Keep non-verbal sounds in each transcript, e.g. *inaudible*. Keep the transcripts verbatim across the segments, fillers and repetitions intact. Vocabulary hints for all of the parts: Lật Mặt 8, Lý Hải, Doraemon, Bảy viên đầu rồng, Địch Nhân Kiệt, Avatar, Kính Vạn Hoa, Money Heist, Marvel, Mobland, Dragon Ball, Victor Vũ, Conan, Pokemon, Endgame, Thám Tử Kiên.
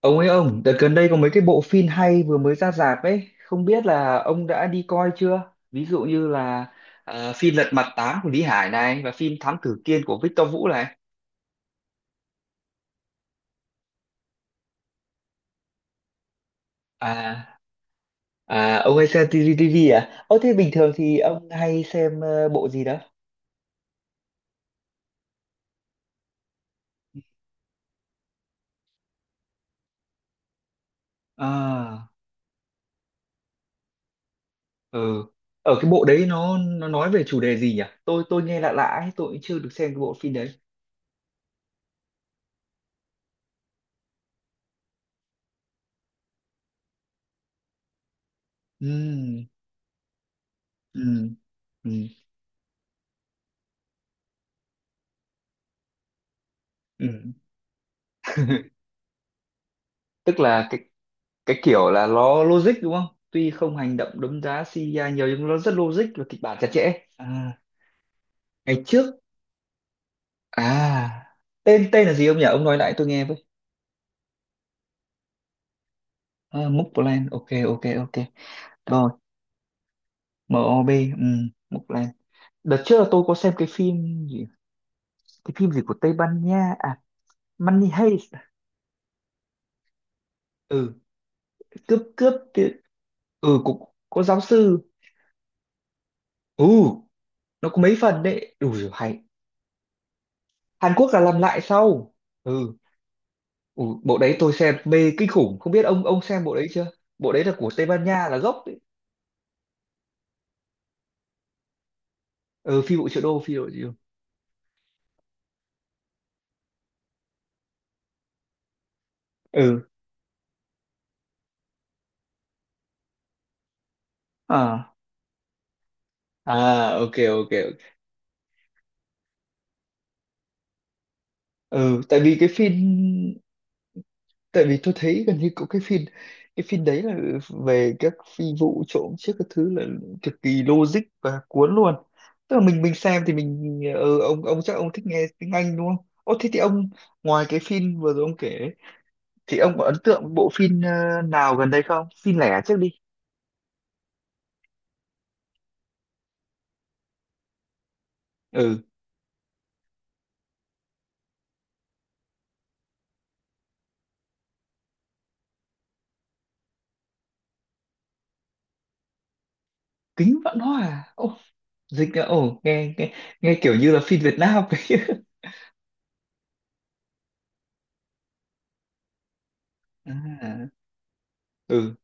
Ông ấy ông, đợt gần đây có mấy cái bộ phim hay vừa mới ra rạp ấy, không biết là ông đã đi coi chưa? Ví dụ như là ờ, phim Lật Mặt tám của Lý Hải này và phim Thám Tử Kiên của Victor Vũ này. À, à ông hay xem ti vi à? Ơ thế bình thường thì ông hay xem ờ, bộ gì đó? À, ừ. Ở cái bộ đấy nó nó nói về chủ đề gì nhỉ? Tôi tôi nghe lạ lạ ấy, tôi cũng chưa được xem cái bộ phim đấy. Ừ, ừ, ừ, ừ. Tức là cái cái kiểu là nó logic đúng không, tuy không hành động đấm đá xê giê i nhiều nhưng nó rất logic và kịch bản chặt chẽ à, ngày trước à, tên tên là gì ông nhỉ, ông nói lại tôi nghe với. À, Mobland, ok ok ok, rồi em ô bê, ừ, Mobland. Đợt trước là tôi có xem cái phim gì, cái phim gì của Tây Ban Nha à, Money Heist à? Ừ, cướp cướp ti-, ừ cũng có giáo sư, ừ nó có mấy phần đấy đủ rồi hay, Hàn Quốc là làm lại sau. Ừ. Ủa, bộ đấy tôi xem mê kinh khủng, không biết ông ông xem bộ đấy chưa, bộ đấy là của Tây Ban Nha là gốc đấy. Ừ, phi vụ triệu đô, phi vụ triệu đô, ừ. À, à, ok ok ok. Ừ, tại vì cái phim, tại vì tôi thấy gần như cũng cái phim, cái phim đấy là về các phi vụ trộm chiếc các thứ là cực kỳ logic và cuốn luôn. Tức là mình mình xem thì mình, ừ, ông ông chắc ông thích nghe tiếng Anh đúng không? Ô thế thì ông, ngoài cái phim vừa rồi ông kể ấy, thì ông có ấn tượng bộ phim ờ, nào gần đây không, phim lẻ trước đi. Ừ, Kính Vạn Hoa. Ồ, dịch là ồ, nghe, nghe, nghe kiểu như là phim Việt Nam ấy *laughs* à, ừ,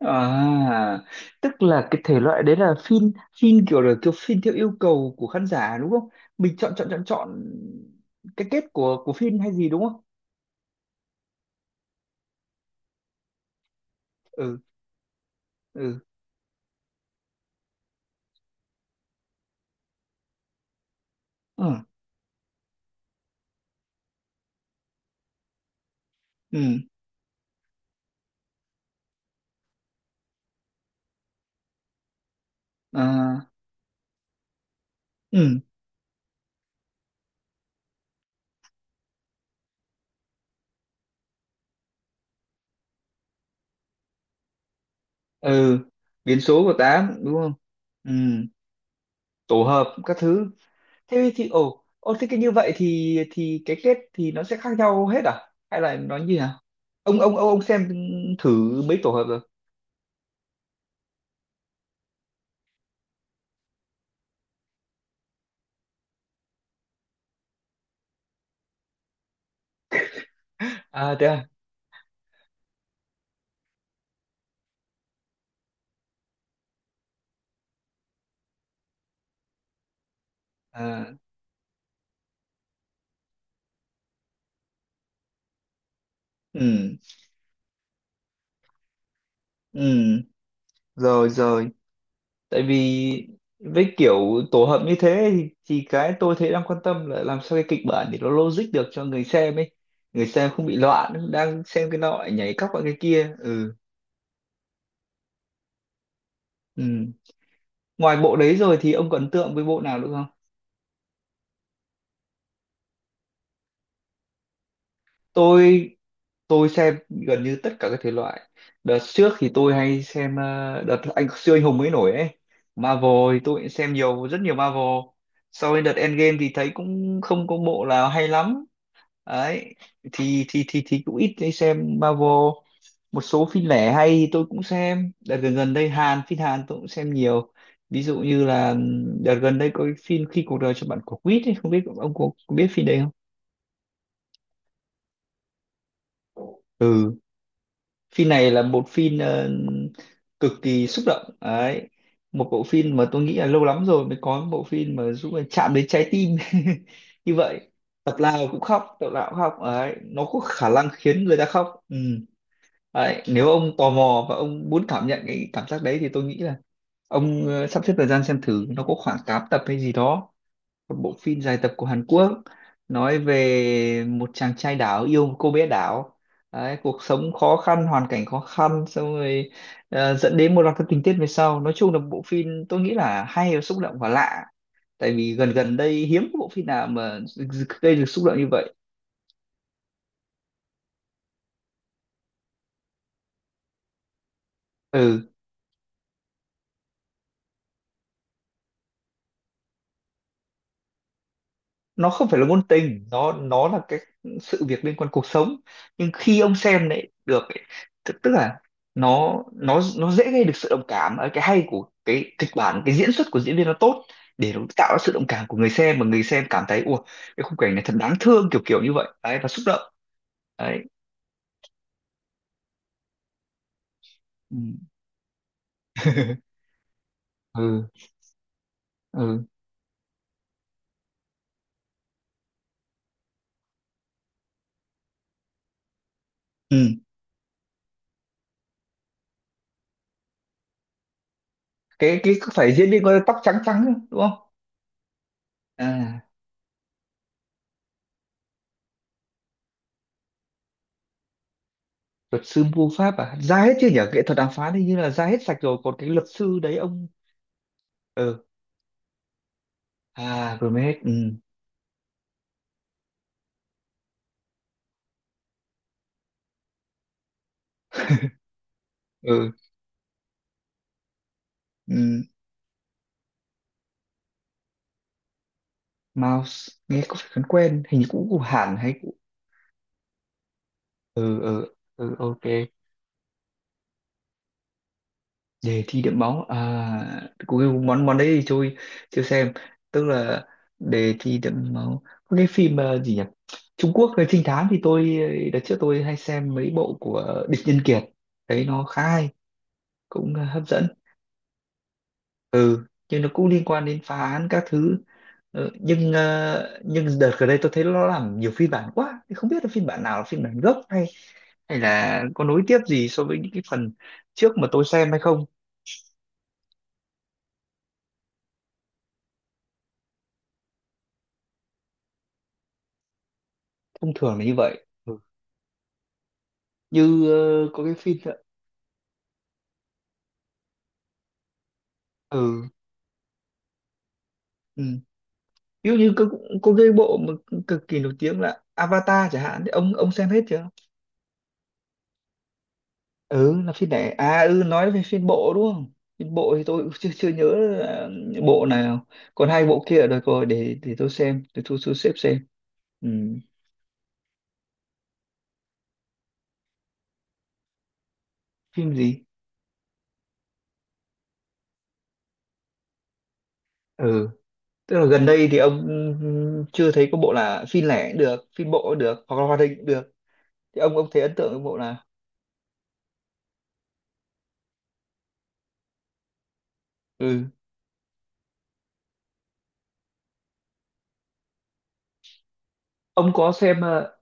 à tức là cái thể loại đấy là phim, phim kiểu là kiểu phim theo yêu cầu của khán giả đúng không, mình chọn chọn chọn chọn cái kết của của phim hay gì đúng không. Ừ ừ ừ ừ, à, ừ ừ, biến số của tám đúng không. Ừ, tổ hợp các thứ. Thế thì ồ ồ, thế cái như vậy thì thì cái kết thì nó sẽ khác nhau hết à, hay là nó như nào? Ông ông ông ông xem thử mấy tổ hợp rồi. À thế à, à, ừ, ừ, rồi rồi. Tại vì với kiểu tổ hợp như thế thì, thì cái tôi thấy đang quan tâm là làm sao cái kịch bản để nó logic được cho người xem ấy, người xem không bị loạn đang xem cái nọ lại nhảy cóc qua cái kia. Ừ, ừ, ngoài bộ đấy rồi thì ông có ấn tượng với bộ nào nữa không? Tôi tôi xem gần như tất cả các thể loại. Đợt trước thì tôi hay xem ờ, đợt anh siêu anh hùng mới nổi ấy, Marvel, thì tôi cũng xem nhiều, rất nhiều Marvel. Sau đến đợt Endgame thì thấy cũng không có bộ nào hay lắm, đấy, thì thì thì thì cũng ít đi xem Marvel. Một số phim lẻ hay thì tôi cũng xem, đợt gần gần đây Hàn, phim Hàn tôi cũng xem nhiều. Ví dụ như là ừm, đợt gần đây có cái phim khi cuộc đời cho bạn quả quýt ấy, không biết ông có, có biết phim đấy không? Ừ, phim này là một phim ờ, cực kỳ xúc động đấy, một bộ phim mà tôi nghĩ là lâu lắm rồi mới có một bộ phim mà giúp mình chạm đến trái tim *laughs* như vậy. Tập nào cũng khóc, tập nào cũng khóc đấy, nó có khả năng khiến người ta khóc. Ừ. Đấy, nếu ông tò mò và ông muốn cảm nhận cái cảm giác đấy thì tôi nghĩ là ông ờ, sắp xếp thời gian xem thử, nó có khoảng tám tập hay gì đó, một bộ phim dài tập của Hàn Quốc, nói về một chàng trai đảo yêu một cô bé đảo. Đấy, cuộc sống khó khăn hoàn cảnh khó khăn xong rồi ờ, dẫn đến một loạt các tình tiết về sau, nói chung là bộ phim tôi nghĩ là hay và xúc động và lạ, tại vì gần gần đây hiếm có bộ phim nào mà gây được xúc động như vậy. Ừ, nó không phải là ngôn tình, nó nó là cái sự việc liên quan cuộc sống, nhưng khi ông xem lại được ấy, tức tức là nó nó nó dễ gây được sự đồng cảm ở cái hay của cái kịch bản, cái diễn xuất của diễn viên nó tốt để nó tạo ra sự đồng cảm của người xem, mà người xem cảm thấy ủa, cái khung cảnh này thật đáng thương kiểu kiểu như vậy đấy, và xúc động, đấy. Ừ ừ ừ, ừ. Cái cái có phải diễn viên có tóc trắng trắng không, đúng không? À, luật sư mua pháp à, ra hết chưa nhỉ, nghệ thuật đàm phán thì như là ra hết sạch rồi, còn cái luật sư đấy ông? Ờ, à vừa Hermes, ừ. Ừ, ừ, Mouse nghe có phải quen quen, hình như cũng của Hàn hay của, ừ ừ ừ ok, đề thi đẫm máu à? Google món món đấy thì tôi chưa xem. Tức là đề thi đẫm máu, có cái phim ờ, gì nhỉ, Trung Quốc về trinh thám thì tôi, ờ, đợt trước tôi hay xem mấy bộ của Địch Nhân Kiệt, đấy nó khá hay, cũng ờ, hấp dẫn, nhưng nó cũng liên quan đến phá án các thứ. Ờ, nhưng ờ, nhưng đợt gần đây tôi thấy nó làm nhiều phiên bản quá, thì không biết là phiên bản nào là phiên bản gốc, hay hay là có nối tiếp gì so với những cái phần trước mà tôi xem hay không. Thông thường là như vậy. Ừ. Như ờ, có cái phim, ừ, ừ. Ví dụ như có, có cái bộ mà cực kỳ nổi tiếng là Avatar chẳng hạn, thì ông ông xem hết chưa? Ừ là phim đẻ à, ừ nói về phim bộ đúng không? Phim bộ thì tôi cũng chưa chưa nhớ là bộ nào, còn hai bộ kia ở đời rồi, để để tôi xem, để tôi thu xếp xem. Ừ. Phim gì? Ừ, tức là gần đây thì ông, ừ, chưa thấy có bộ, là phim lẻ cũng được, phim bộ cũng được, hoặc là hoạt hình cũng được, thì ông ông thấy ấn tượng với bộ nào? Ừ, ông có xem ờ,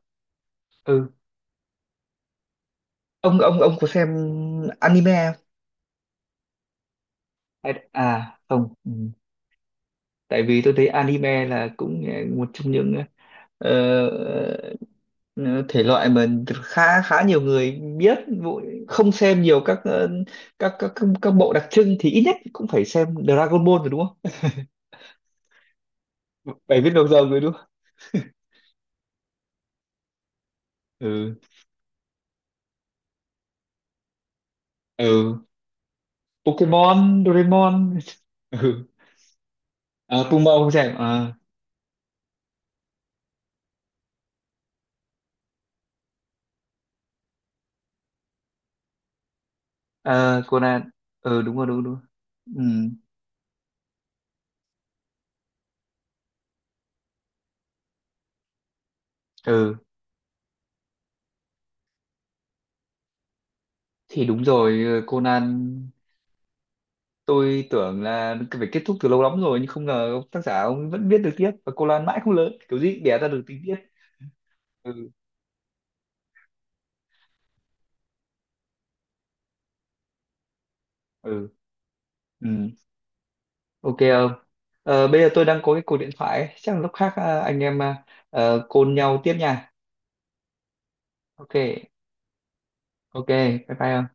ừ, ông ông ông có xem anime không? Hay- à không, ừ. Tại vì tôi thấy anime là cũng ờ, một trong những ờ, Ờ, thể loại mà khá khá nhiều người biết, vụ-, không xem nhiều các ờ, các các các, các bộ đặc trưng thì ít nhất cũng phải xem Dragon Ball rồi đúng không? *laughs* Bảy viên đầu rồng rồi đúng không? Ừ, ừ, Pokemon, Doraemon, *laughs* ừ, à, Puma không xem, à, à, Conan, ừ đúng rồi, đúng đúng, ừ, ừ, thì đúng rồi, ờ, Conan, tôi tưởng là phải kết thúc từ lâu lắm rồi, nhưng không ngờ ông tác giả ông vẫn viết được tiếp, và Conan mãi không lớn, kiểu gì cũng đẻ ra được tình tiết. Ừ, ừ, ừ. Ok ông. Ờ, bây giờ tôi đang có cái cuộc điện thoại ấy. Chắc là lúc khác ờ, anh em uh, call nhau tiếp nha. Ok, ok, bye bye ông.